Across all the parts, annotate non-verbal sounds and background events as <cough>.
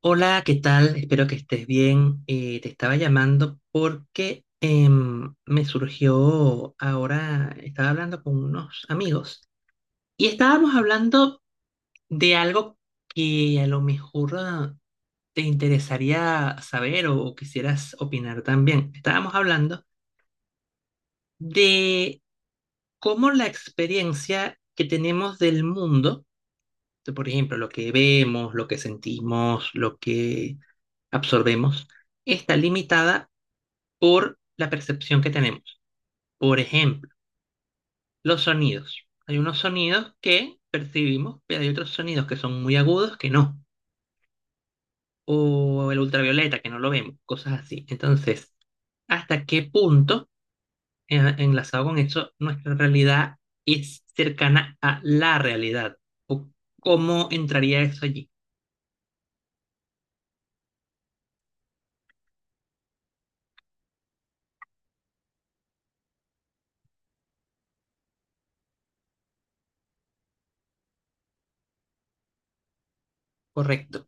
Hola, ¿qué tal? Espero que estés bien. Te estaba llamando porque me surgió ahora, estaba hablando con unos amigos y estábamos hablando de algo que a lo mejor te interesaría saber o quisieras opinar también. Estábamos hablando de cómo la experiencia que tenemos del mundo, de, por ejemplo, lo que vemos, lo que sentimos, lo que absorbemos, está limitada por la percepción que tenemos. Por ejemplo, los sonidos. Hay unos sonidos que percibimos, pero hay otros sonidos que son muy agudos que no. O el ultravioleta, que no lo vemos, cosas así. Entonces, ¿hasta qué punto, enlazado con eso, nuestra realidad es cercana a la realidad? ¿O cómo entraría eso allí? Correcto.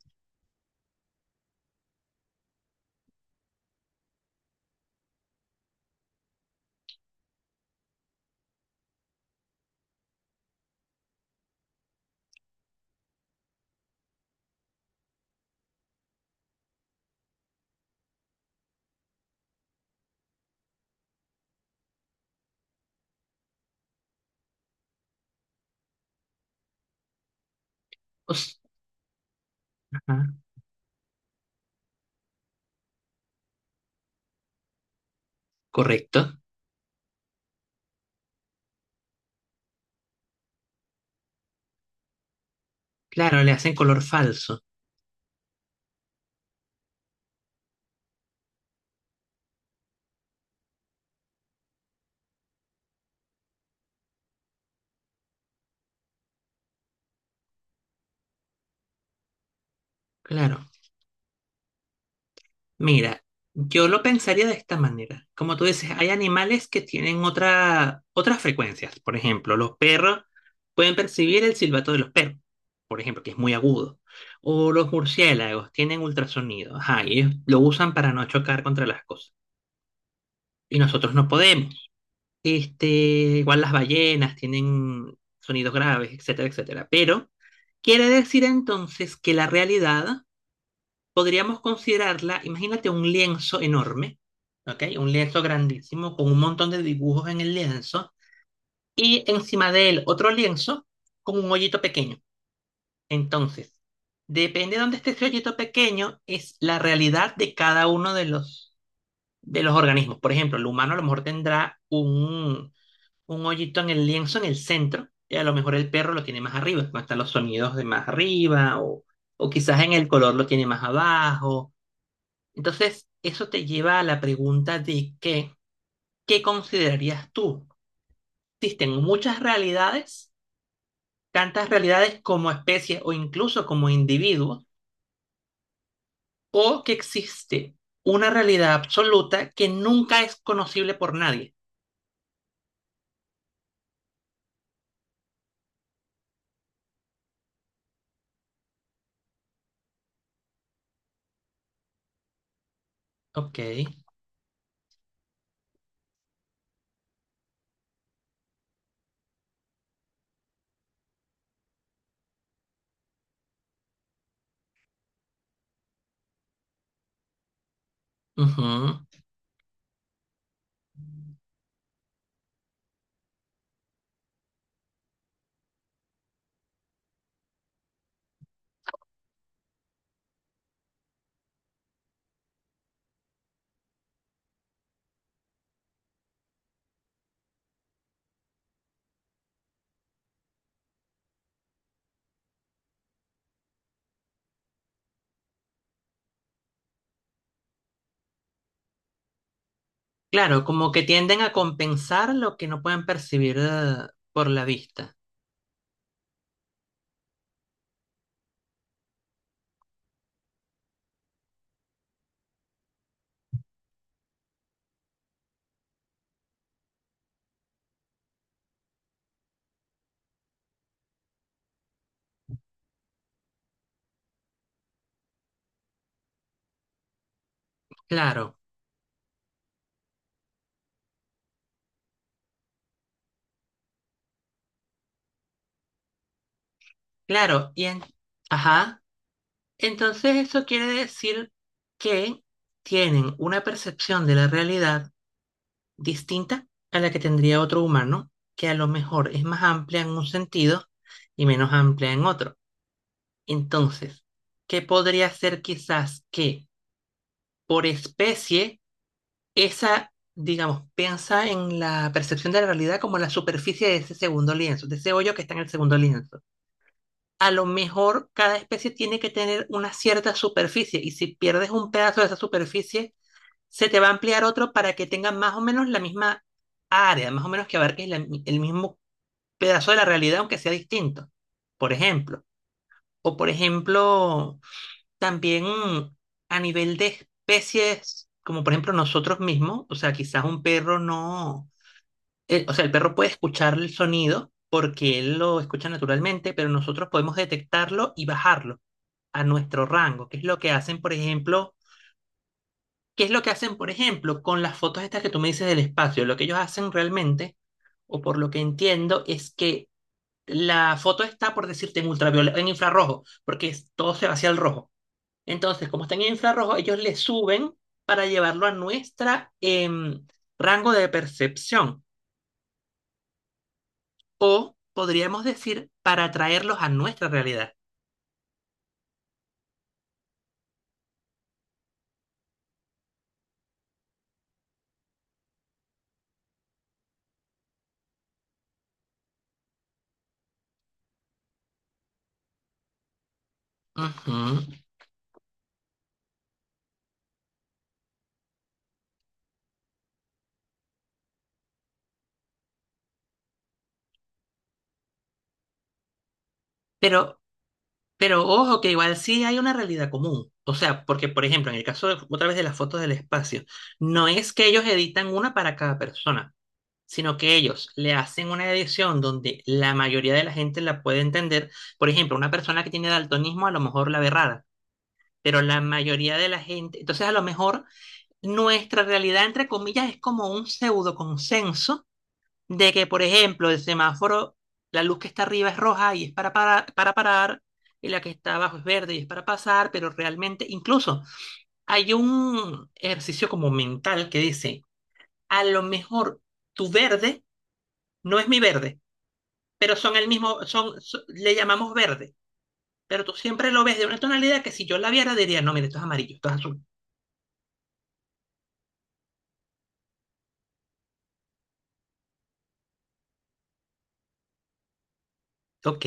O s- ajá, correcto. Claro, le hacen color falso. Claro. Mira, yo lo pensaría de esta manera. Como tú dices, hay animales que tienen otras frecuencias. Por ejemplo, los perros pueden percibir el silbato de los perros, por ejemplo, que es muy agudo. O los murciélagos tienen ultrasonido. Ajá, y ellos lo usan para no chocar contra las cosas. Y nosotros no podemos. Este, igual las ballenas tienen sonidos graves, etcétera, etcétera. Pero quiere decir entonces que la realidad podríamos considerarla, imagínate un lienzo enorme, ¿ok? Un lienzo grandísimo con un montón de dibujos en el lienzo y encima de él otro lienzo con un hoyito pequeño. Entonces, depende de dónde esté ese hoyito pequeño, es la realidad de cada uno de de los organismos. Por ejemplo, el humano a lo mejor tendrá un hoyito en el lienzo en el centro y a lo mejor el perro lo tiene más arriba, no están los sonidos de más arriba o quizás en el color lo tiene más abajo, entonces, eso te lleva a la pregunta de ¿qué considerarías tú? Existen muchas realidades, tantas realidades como especies o incluso como individuos, o que existe una realidad absoluta que nunca es conocible por nadie. Ok, ujú. Claro, como que tienden a compensar lo que no pueden percibir por la vista. Claro, claro. Y en... Ajá. Entonces, eso quiere decir que tienen una percepción de la realidad distinta a la que tendría otro humano, que a lo mejor es más amplia en un sentido y menos amplia en otro. Entonces, ¿qué podría ser quizás que por especie esa, digamos, piensa en la percepción de la realidad como la superficie de ese segundo lienzo, de ese hoyo que está en el segundo lienzo? A lo mejor cada especie tiene que tener una cierta superficie y si pierdes un pedazo de esa superficie, se te va a ampliar otro para que tenga más o menos la misma área, más o menos que abarque el mismo pedazo de la realidad, aunque sea distinto, por ejemplo. O por ejemplo, también a nivel de especies, como por ejemplo nosotros mismos, o sea, quizás un perro no, o sea, el perro puede escuchar el sonido porque él lo escucha naturalmente, pero nosotros podemos detectarlo y bajarlo a nuestro rango, que es lo que hacen, por ejemplo, qué es lo que hacen, por ejemplo, con las fotos estas que tú me dices del espacio. Lo que ellos hacen realmente, o por lo que entiendo, es que la foto está, por decirte, en ultravioleta, en infrarrojo, porque todo se va hacia el rojo. Entonces, como está en infrarrojo, ellos le suben para llevarlo a nuestra rango de percepción, o podríamos decir, para traerlos a nuestra realidad. Ujú. Pero Pero ojo, que igual sí hay una realidad común. O sea, porque, por ejemplo, en el caso otra vez de las fotos del espacio, no es que ellos editan una para cada persona, sino que ellos le hacen una edición donde la mayoría de la gente la puede entender. Por ejemplo, una persona que tiene daltonismo a lo mejor la ve rara, pero la mayoría de la gente, entonces a lo mejor nuestra realidad, entre comillas, es como un pseudo consenso de que, por ejemplo, el semáforo, la luz que está arriba es roja y es para parar, y la que está abajo es verde y es para pasar, pero realmente incluso hay un ejercicio como mental que dice, a lo mejor tu verde no es mi verde, pero son el mismo, le llamamos verde, pero tú siempre lo ves de una tonalidad que si yo la viera diría, no, mire, esto es amarillo, esto es azul. Ok,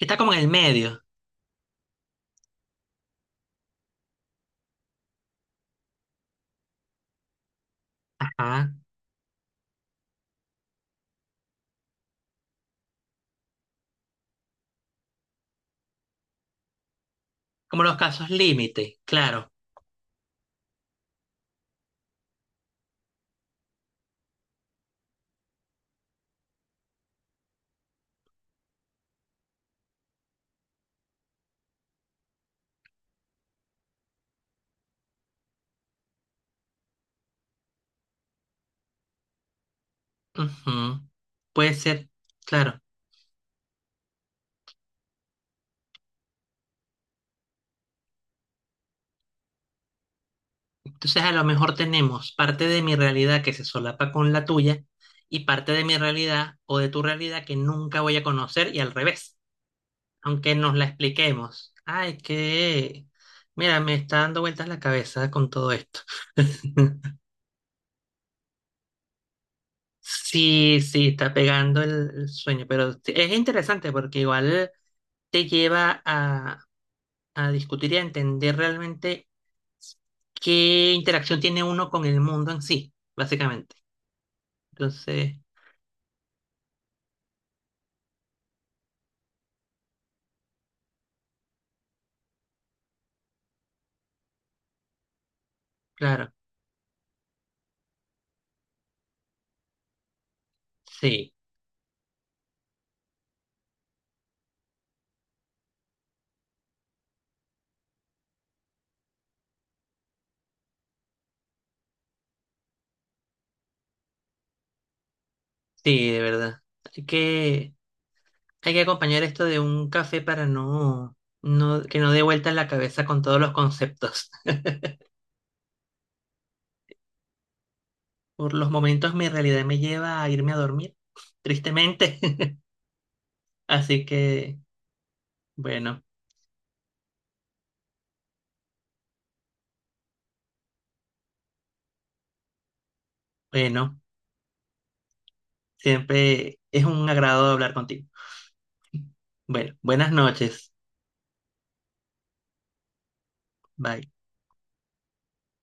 está como en el medio, ajá, como los casos límite, claro. Ujú. Puede ser, claro. Entonces, a lo mejor tenemos parte de mi realidad que se solapa con la tuya y parte de mi realidad o de tu realidad que nunca voy a conocer y al revés, aunque nos la expliquemos. Ay, es que, mira, me está dando vueltas la cabeza con todo esto. <laughs> Sí, sí, está pegando el sueño, pero es interesante porque igual te lleva a discutir y a entender realmente qué interacción tiene uno con el mundo en sí, básicamente. Entonces... Claro, sí, sí, de verdad. Hay que, hay que acompañar esto de un café para no, no, que no dé vueltas la cabeza con todos los conceptos. <laughs> Por los momentos mi realidad me lleva a irme a dormir, <laughs> tristemente. <laughs> Así que, bueno, bueno, siempre es un agrado hablar contigo. <laughs> Bueno, buenas noches. Bye.